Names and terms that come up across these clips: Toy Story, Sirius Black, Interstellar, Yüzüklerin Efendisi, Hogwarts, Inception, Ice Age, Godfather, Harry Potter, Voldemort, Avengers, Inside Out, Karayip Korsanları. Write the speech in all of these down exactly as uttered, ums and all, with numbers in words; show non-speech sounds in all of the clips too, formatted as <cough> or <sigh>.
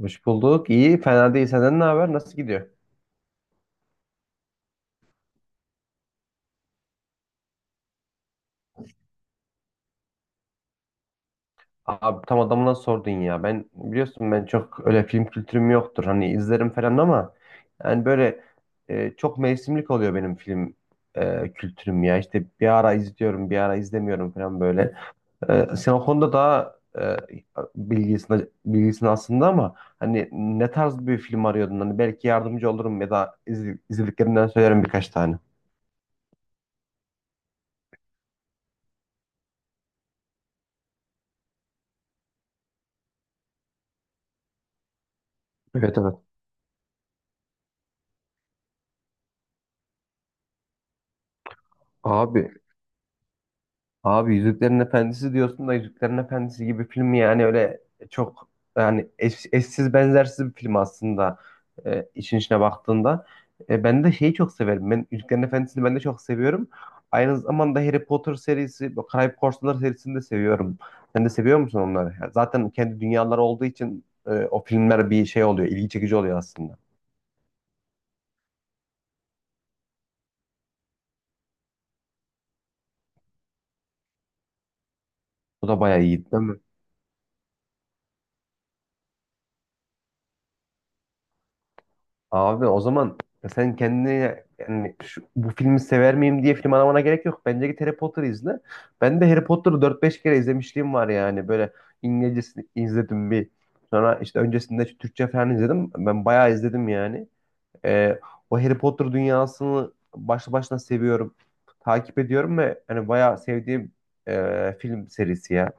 Hoş bulduk. İyi, fena değil. Senden ne haber? Nasıl gidiyor? Abi tam adamına sordun ya. Ben biliyorsun ben çok öyle film kültürüm yoktur. Hani izlerim falan ama yani böyle e, çok mevsimlik oluyor benim film e, kültürüm ya. İşte bir ara izliyorum, bir ara izlemiyorum falan böyle. E, sen o konuda daha e, bilgisin, bilgisin aslında ama hani ne tarz bir film arıyordun? Hani belki yardımcı olurum ya da iz, izlediklerimden söylerim birkaç tane. Evet, evet. Abi Abi Yüzüklerin Efendisi diyorsun da Yüzüklerin Efendisi gibi film yani öyle çok yani eş- eşsiz benzersiz bir film aslında e, işin içine baktığında. E, ben de şeyi çok severim. Ben Yüzüklerin Efendisi'ni ben de çok seviyorum. Aynı zamanda Harry Potter serisi, bu Karayip Korsanları serisini de seviyorum. Sen de seviyor musun onları? Yani zaten kendi dünyaları olduğu için e, o filmler bir şey oluyor, ilgi çekici oluyor aslında. Bu da bayağı iyi değil mi? Abi o zaman sen kendine yani şu, bu filmi sever miyim diye film aramana gerek yok. Bence git Harry Potter izle. Ben de Harry Potter'ı dört beş kere izlemişliğim var yani. Böyle İngilizcesini izledim bir. Sonra işte öncesinde Türkçe falan izledim. Ben bayağı izledim yani. Ee, O Harry Potter dünyasını başlı başına seviyorum. Takip ediyorum ve hani bayağı sevdiğim e, film serisi ya.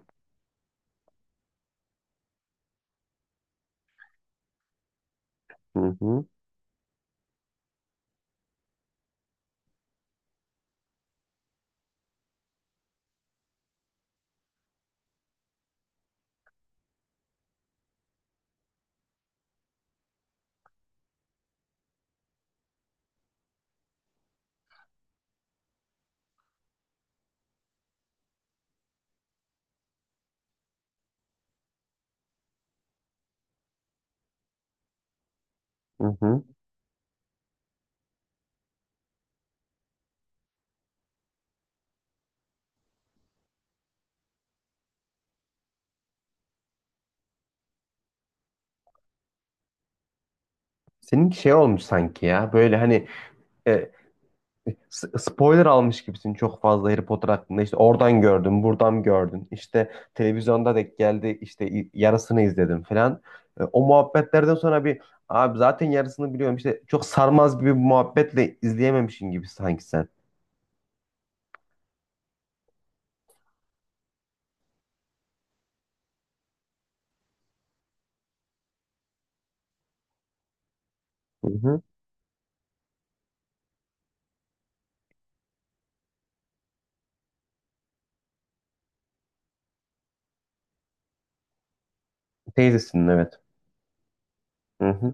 Hı hı, hı hı. Seninki şey olmuş sanki ya. Böyle hani e, S- spoiler almış gibisin çok fazla Harry Potter hakkında. İşte oradan gördüm, buradan gördün. İşte televizyonda denk geldi, işte i- yarısını izledim falan. E, o muhabbetlerden sonra bir abi zaten yarısını biliyorum. İşte çok sarmaz gibi bir muhabbetle izleyememişsin gibi sanki sen. Hı hı. Teyzesin, evet. Hı hı.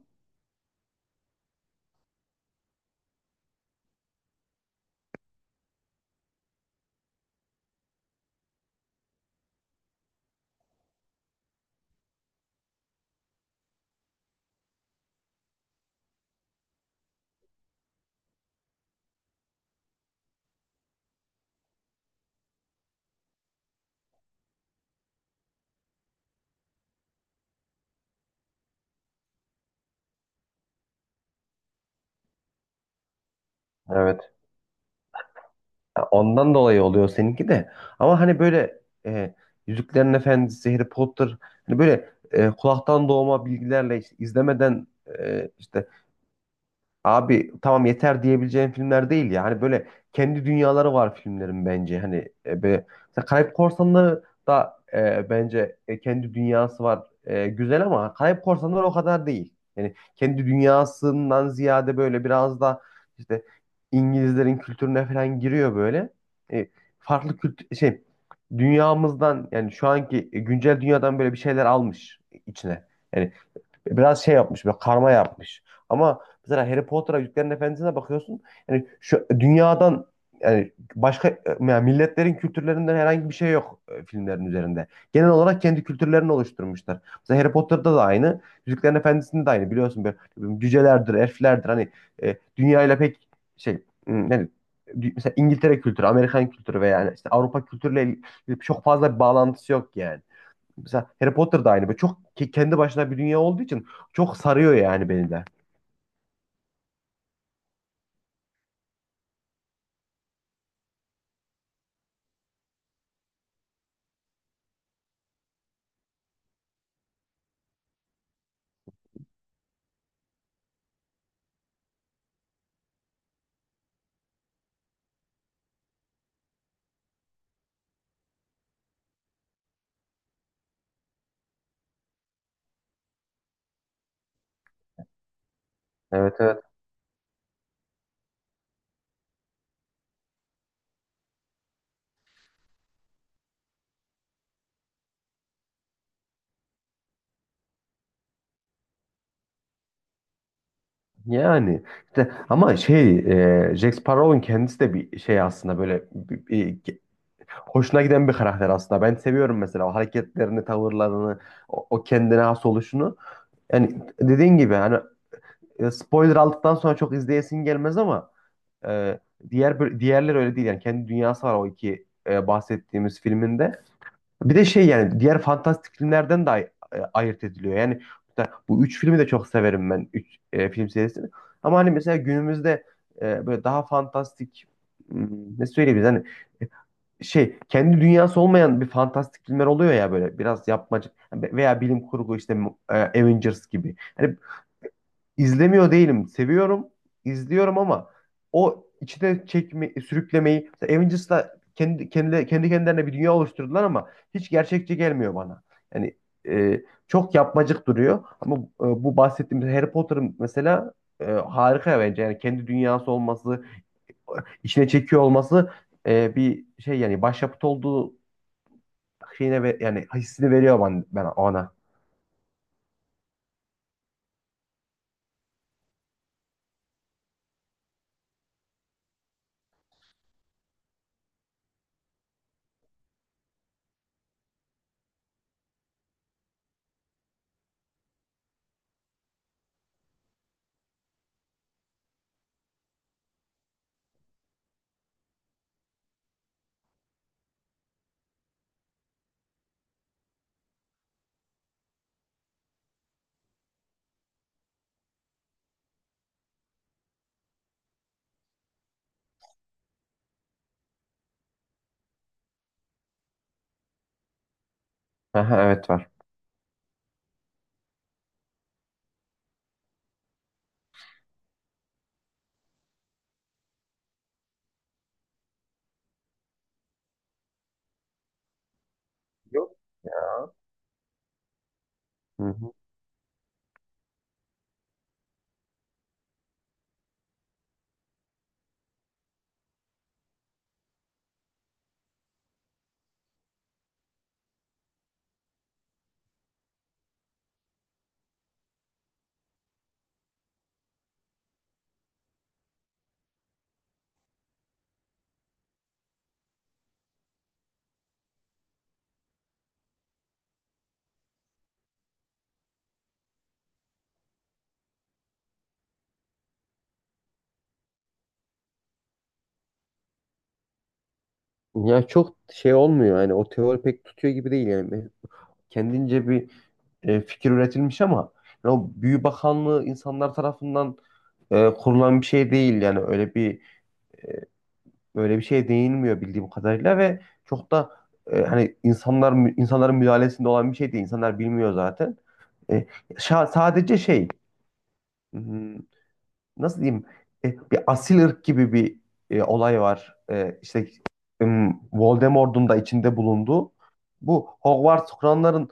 Evet. Ya ondan dolayı oluyor seninki de. Ama hani böyle e, Yüzüklerin Efendisi, Harry Potter hani böyle e, kulaktan doğma bilgilerle işte izlemeden e, işte abi tamam yeter diyebileceğin filmler değil ya. Hani böyle kendi dünyaları var filmlerin bence. Hani e, be, mesela Karayip Korsanları da e, bence e, kendi dünyası var. E, güzel ama Karayip Korsanları o kadar değil. Yani kendi dünyasından ziyade böyle biraz da işte İngilizlerin kültürüne falan giriyor böyle. E, Farklı kültür şey dünyamızdan yani şu anki e, güncel dünyadan böyle bir şeyler almış içine. Yani biraz şey yapmış böyle karma yapmış. Ama mesela Harry Potter'a Yüzüklerin Efendisi'ne bakıyorsun. Yani şu dünyadan yani başka yani milletlerin kültürlerinden herhangi bir şey yok e, filmlerin üzerinde. Genel olarak kendi kültürlerini oluşturmuşlar. Mesela Harry Potter'da da aynı, Yüzüklerin Efendisi'nde de aynı biliyorsun böyle cücelerdir, elflerdir hani e, dünyayla pek şey hmm, yani dü- mesela İngiltere kültürü, Amerikan kültürü veya yani işte Avrupa kültürüyle il- çok fazla bir bağlantısı yok yani. Mesela Harry Potter da aynı. Böyle çok ke- kendi başına bir dünya olduğu için çok sarıyor yani beni de. Evet, evet. Yani işte ama şey e, Jack Sparrow'un kendisi de bir şey aslında böyle bir- bir- hoşuna giden bir karakter aslında. Ben seviyorum mesela o hareketlerini, tavırlarını, o, o kendine has oluşunu. Yani dediğin gibi hani e, spoiler aldıktan sonra çok izleyesin gelmez ama Ee, diğer bö- diğerleri öyle değil yani kendi dünyası var o iki e, bahsettiğimiz filminde. Bir de şey yani diğer fantastik filmlerden de ay- e, ayırt ediliyor. Yani bu üç filmi de çok severim ben. Üç e, film serisini. Ama hani mesela günümüzde e, böyle daha fantastik hmm, ne söyleyebiliriz hani şey kendi dünyası olmayan bir fantastik filmler oluyor ya böyle biraz yapmacık veya bilim kurgu işte e, Avengers gibi. Hani İzlemiyor değilim. Seviyorum, izliyorum ama o içine çekme, sürüklemeyi mesela Avengers'la kendi, kendi, kendi kendilerine bir dünya oluşturdular ama hiç gerçekçi gelmiyor bana. Yani e, çok yapmacık duruyor ama e, bu bahsettiğimiz Harry Potter'ın mesela e, harika bence. Yani kendi dünyası olması, içine çekiyor olması e, bir şey yani başyapıt olduğu şeyine ve, yani hissini veriyor ben, ben ona. Aha, evet var. Yok. Hı. Ya çok şey olmuyor yani o teori pek tutuyor gibi değil yani. Ben- Kendince bir e, fikir üretilmiş ama yani o Büyü Bakanlığı insanlar tarafından e, kurulan bir şey değil yani öyle bir e, öyle bir şeye değinmiyor bildiğim kadarıyla ve çok da e, hani insanlar insanların müdahalesinde olan bir şey değil. İnsanlar bilmiyor zaten. E, şa- sadece şey hmm, nasıl diyeyim e, bir asil ırk gibi bir e, olay var. E, işte ım, Voldemort'un da içinde bulunduğu bu Hogwarts kuranların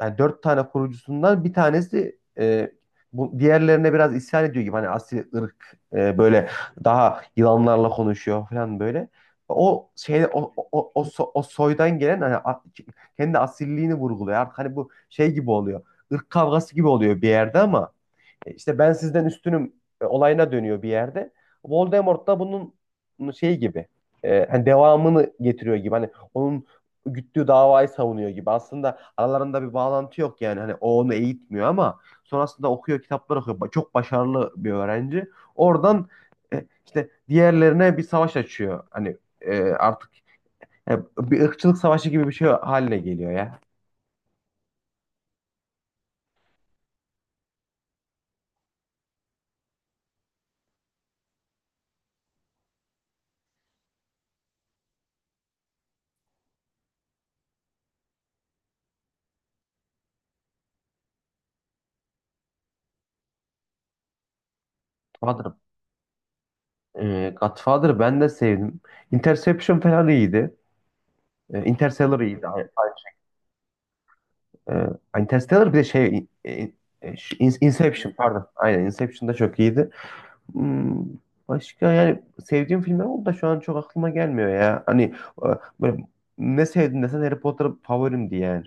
yani dört tane kurucusundan bir tanesi e, bu diğerlerine biraz isyan ediyor gibi hani asil ırk e, böyle daha yılanlarla konuşuyor falan böyle. O şey o o, o, o so- o soydan gelen hani a- kendi asilliğini vurguluyor. Artık hani bu şey gibi oluyor. Irk kavgası gibi oluyor bir yerde ama e, İşte ben sizden üstünüm e, olayına dönüyor bir yerde. Voldemort da bunun şey gibi e, hani devamını getiriyor gibi hani onun güttüğü davayı savunuyor gibi. Aslında aralarında bir bağlantı yok yani hani o onu eğitmiyor ama sonrasında okuyor kitaplar okuyor. Ba- Çok başarılı bir öğrenci. Oradan e, işte diğerlerine bir savaş açıyor. Hani e, artık e, bir ırkçılık savaşı gibi bir şey haline geliyor ya. Godfather, e, Godfather'ı ben de sevdim. Interception falan iyiydi. E, Interstellar iyiydi. E, Interstellar bir de şey e, e, Inception pardon. Aynen Inception da çok iyiydi. Hmm, Başka yani sevdiğim filmler oldu da şu an çok aklıma gelmiyor ya. Hani e, böyle ne sevdin desen Harry Potter favorimdi yani.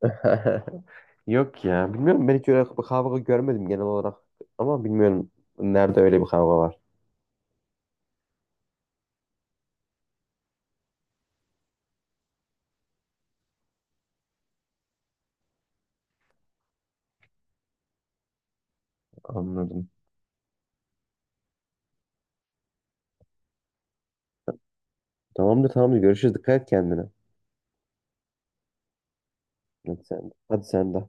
<laughs> Yok ya. Bilmiyorum ben hiç öyle bir kavga görmedim genel olarak. Ama bilmiyorum nerede öyle bir kavga var. Anladım. Tamamdır, tamamdır. Görüşürüz. Dikkat et kendine. Hadi sen, hadi sen de.